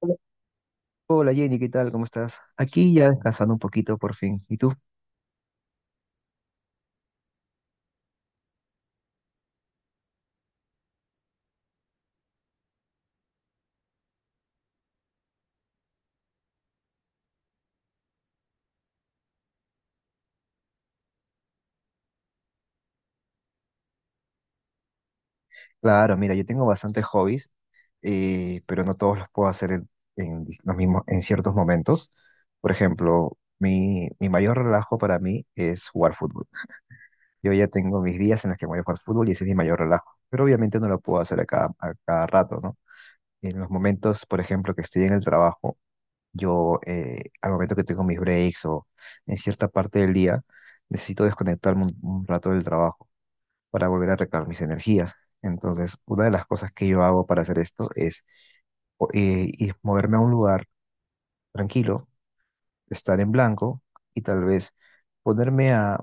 Hola Hola, Jenny, ¿qué tal? ¿Cómo estás? Aquí ya descansando un poquito por fin. ¿Y tú? Claro, mira, yo tengo bastantes hobbies, pero no todos los puedo hacer en los mismos, en ciertos momentos. Por ejemplo, mi mayor relajo para mí es jugar fútbol. Yo ya tengo mis días en los que voy a jugar fútbol y ese es mi mayor relajo, pero obviamente no lo puedo hacer a cada rato, ¿no? En los momentos, por ejemplo, que estoy en el trabajo, yo al momento que tengo mis breaks o en cierta parte del día, necesito desconectarme un rato del trabajo para volver a recargar mis energías. Entonces, una de las cosas que yo hago para hacer esto es moverme a un lugar tranquilo, estar en blanco y tal vez ponerme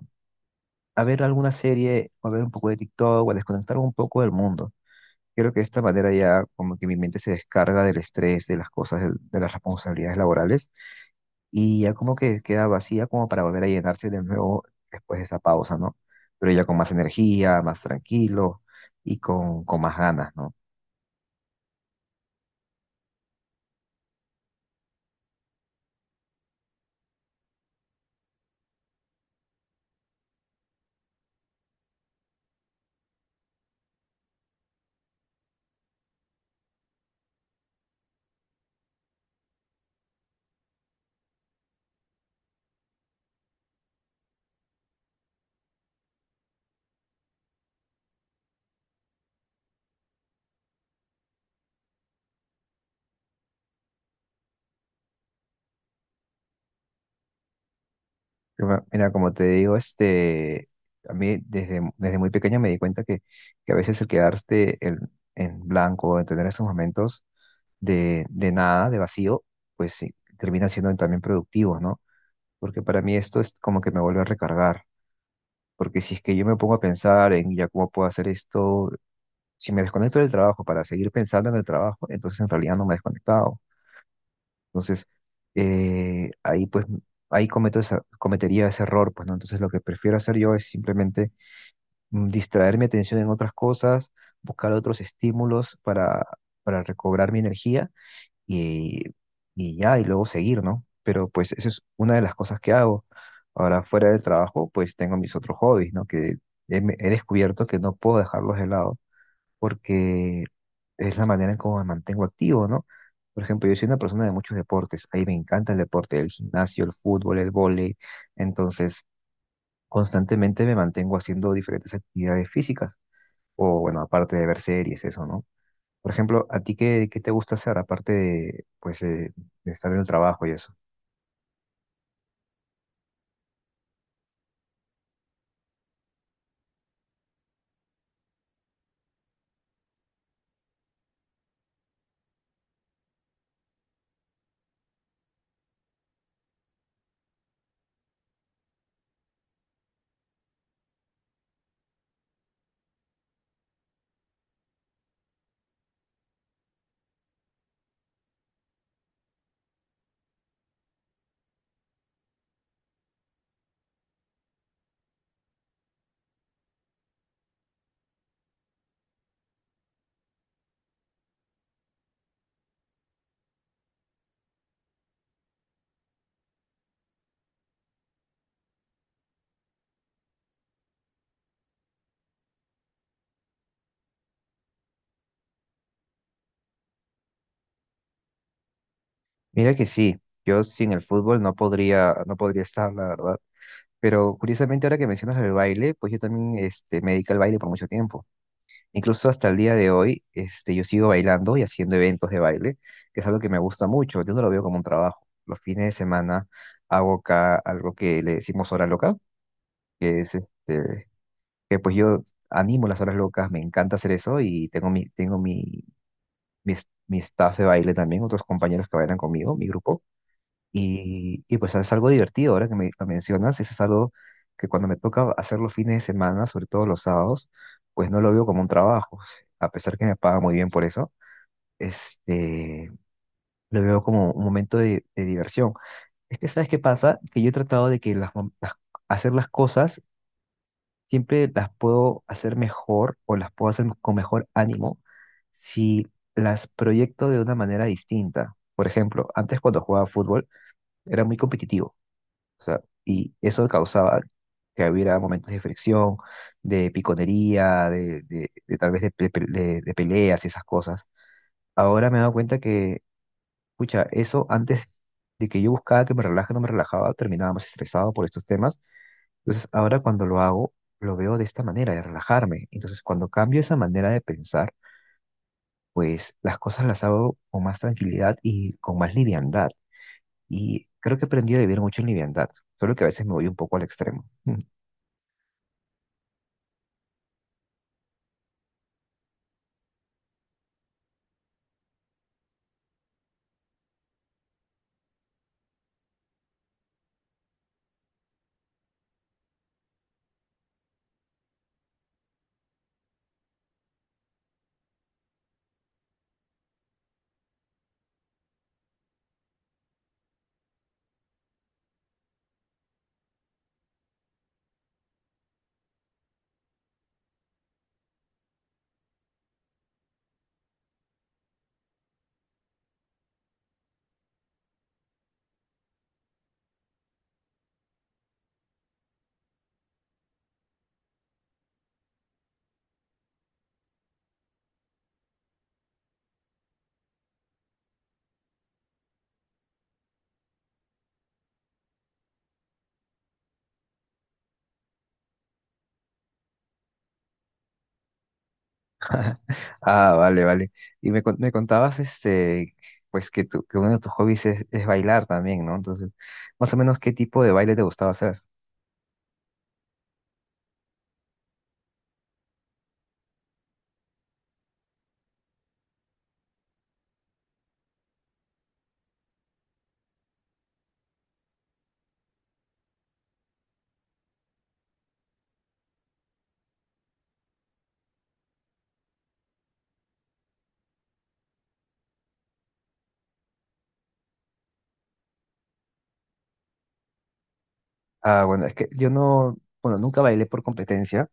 a ver alguna serie o a ver un poco de TikTok o a desconectar un poco del mundo. Creo que de esta manera ya como que mi mente se descarga del estrés, de las cosas, de las responsabilidades laborales y ya como que queda vacía como para volver a llenarse de nuevo después de esa pausa, ¿no? Pero ya con más energía, más tranquilo y con más ganas, ¿no? Mira, mira, como te digo, este, a mí desde muy pequeño me di cuenta que a veces el quedarse en blanco, en tener esos momentos de nada, de vacío, pues sí, termina siendo también productivo, ¿no? Porque para mí esto es como que me vuelve a recargar, porque si es que yo me pongo a pensar en ya cómo puedo hacer esto, si me desconecto del trabajo para seguir pensando en el trabajo, entonces en realidad no me he desconectado entonces, ahí pues, ahí cometería ese error, pues, ¿no? Entonces, lo que prefiero hacer yo es simplemente distraer mi atención en otras cosas, buscar otros estímulos para recobrar mi energía y, y ya, y luego seguir, ¿no? Pero pues esa es una de las cosas que hago. Ahora, fuera del trabajo, pues tengo mis otros hobbies, ¿no? Que he descubierto que no puedo dejarlos de lado porque es la manera en cómo me mantengo activo, ¿no? Por ejemplo, yo soy una persona de muchos deportes, ahí me encanta el deporte, el gimnasio, el fútbol, el vóley, entonces constantemente me mantengo haciendo diferentes actividades físicas, o bueno, aparte de ver series, eso, ¿no? Por ejemplo, a ti qué te gusta hacer aparte de, pues, de estar en el trabajo y eso? Mira que sí, yo sin el fútbol no podría, no podría estar, la verdad. Pero curiosamente ahora que mencionas el baile, pues yo también este, me dediqué al baile por mucho tiempo. Incluso hasta el día de hoy, este, yo sigo bailando y haciendo eventos de baile, que es algo que me gusta mucho. Yo no lo veo como un trabajo. Los fines de semana hago acá algo que le decimos hora loca, que es este, que pues yo animo las horas locas, me encanta hacer eso y tengo mi staff de baile también, otros compañeros que bailan conmigo, mi grupo. Y pues es algo divertido ahora que me lo mencionas, eso es algo que cuando me toca hacer los fines de semana, sobre todo los sábados, pues no lo veo como un trabajo, a pesar que me paga muy bien por eso, este, lo veo como un momento de diversión. Es que, ¿sabes qué pasa? Que yo he tratado de que hacer las cosas siempre las puedo hacer mejor o las puedo hacer con mejor ánimo si las proyecto de una manera distinta. Por ejemplo, antes cuando jugaba fútbol era muy competitivo, o sea, y eso causaba que hubiera momentos de fricción, de piconería, de tal vez de, pe- pe- de peleas y esas cosas. Ahora me he dado cuenta que, escucha, eso antes de que yo buscaba que me relaje, no me relajaba, terminaba más estresado por estos temas. Entonces, ahora cuando lo hago, lo veo de esta manera, de relajarme. Entonces, cuando cambio esa manera de pensar, pues las cosas las hago con más tranquilidad y con más liviandad. Y creo que he aprendido a vivir mucho en liviandad, solo que a veces me voy un poco al extremo. Ah, vale, vale. Y me contabas, este, pues que uno de tus hobbies es bailar también, ¿no? Entonces, más o menos, ¿qué tipo de baile te gustaba hacer? Ah, bueno, es que yo no, bueno, nunca bailé por competencia.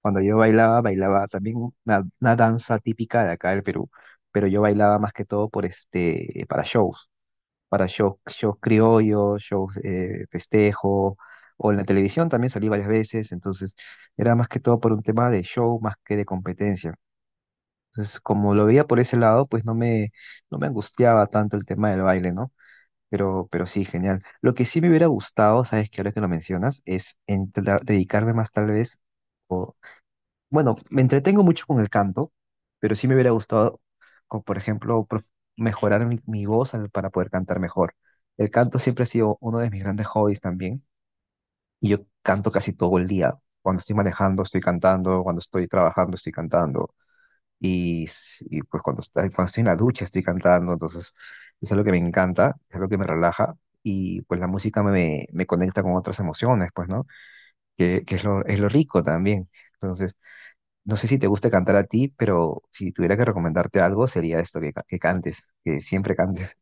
Cuando yo bailaba, bailaba también una danza típica de acá del Perú, pero yo bailaba más que todo por este, para shows, shows criollos, shows festejo, o en la televisión también salí varias veces, entonces era más que todo por un tema de show más que de competencia. Entonces, como lo veía por ese lado, pues no me, no me angustiaba tanto el tema del baile, ¿no? Pero sí, genial. Lo que sí me hubiera gustado, sabes que ahora que lo mencionas, es dedicarme más tal vez, o, bueno, me entretengo mucho con el canto, pero sí me hubiera gustado, con, por ejemplo, mejorar mi voz para poder cantar mejor. El canto siempre ha sido uno de mis grandes hobbies también, y yo canto casi todo el día. Cuando estoy manejando, estoy cantando, cuando estoy trabajando, estoy cantando. Y pues cuando estoy en la ducha estoy cantando, entonces es algo que me encanta, es algo que me relaja y pues la música me conecta con otras emociones, pues, ¿no? Que es es lo rico también. Entonces, no sé si te gusta cantar a ti, pero si tuviera que recomendarte algo sería esto, que cantes, que siempre cantes.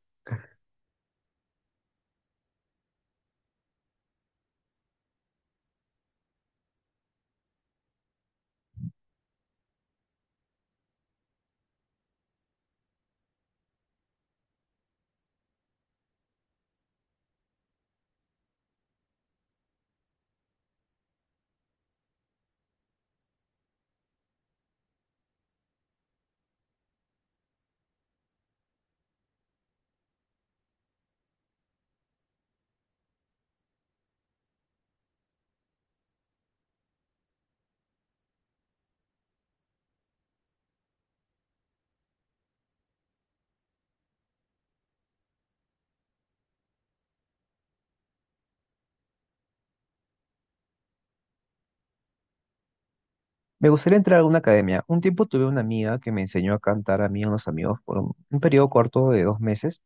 Me gustaría entrar a una academia. Un tiempo tuve una amiga que me enseñó a cantar a mí y a unos amigos por un periodo corto de 2 meses.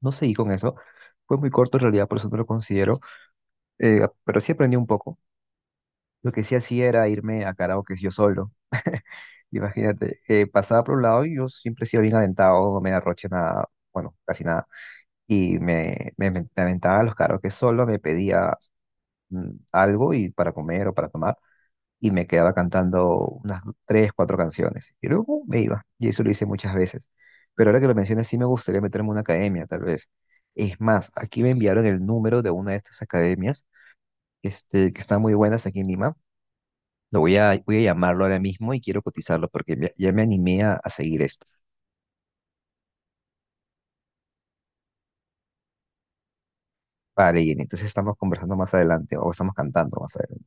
No seguí con eso. Fue muy corto en realidad, por eso no lo considero. Pero sí aprendí un poco. Lo que sí hacía era irme a karaoke yo solo. Imagínate, pasaba por un lado y yo siempre he sido bien aventado, no me arroché nada, bueno, casi nada. Y me aventaba a los karaoke solo, me pedía algo y para comer o para tomar y me quedaba cantando unas tres, cuatro canciones. Y luego me iba, y eso lo hice muchas veces. Pero ahora que lo mencionas, sí me gustaría meterme en una academia, tal vez. Es más, aquí me enviaron el número de una de estas academias, este, que están muy buenas aquí en Lima. Lo voy a, voy a llamarlo ahora mismo y quiero cotizarlo porque ya me animé a seguir esto. Vale, y entonces estamos conversando más adelante o estamos cantando más adelante.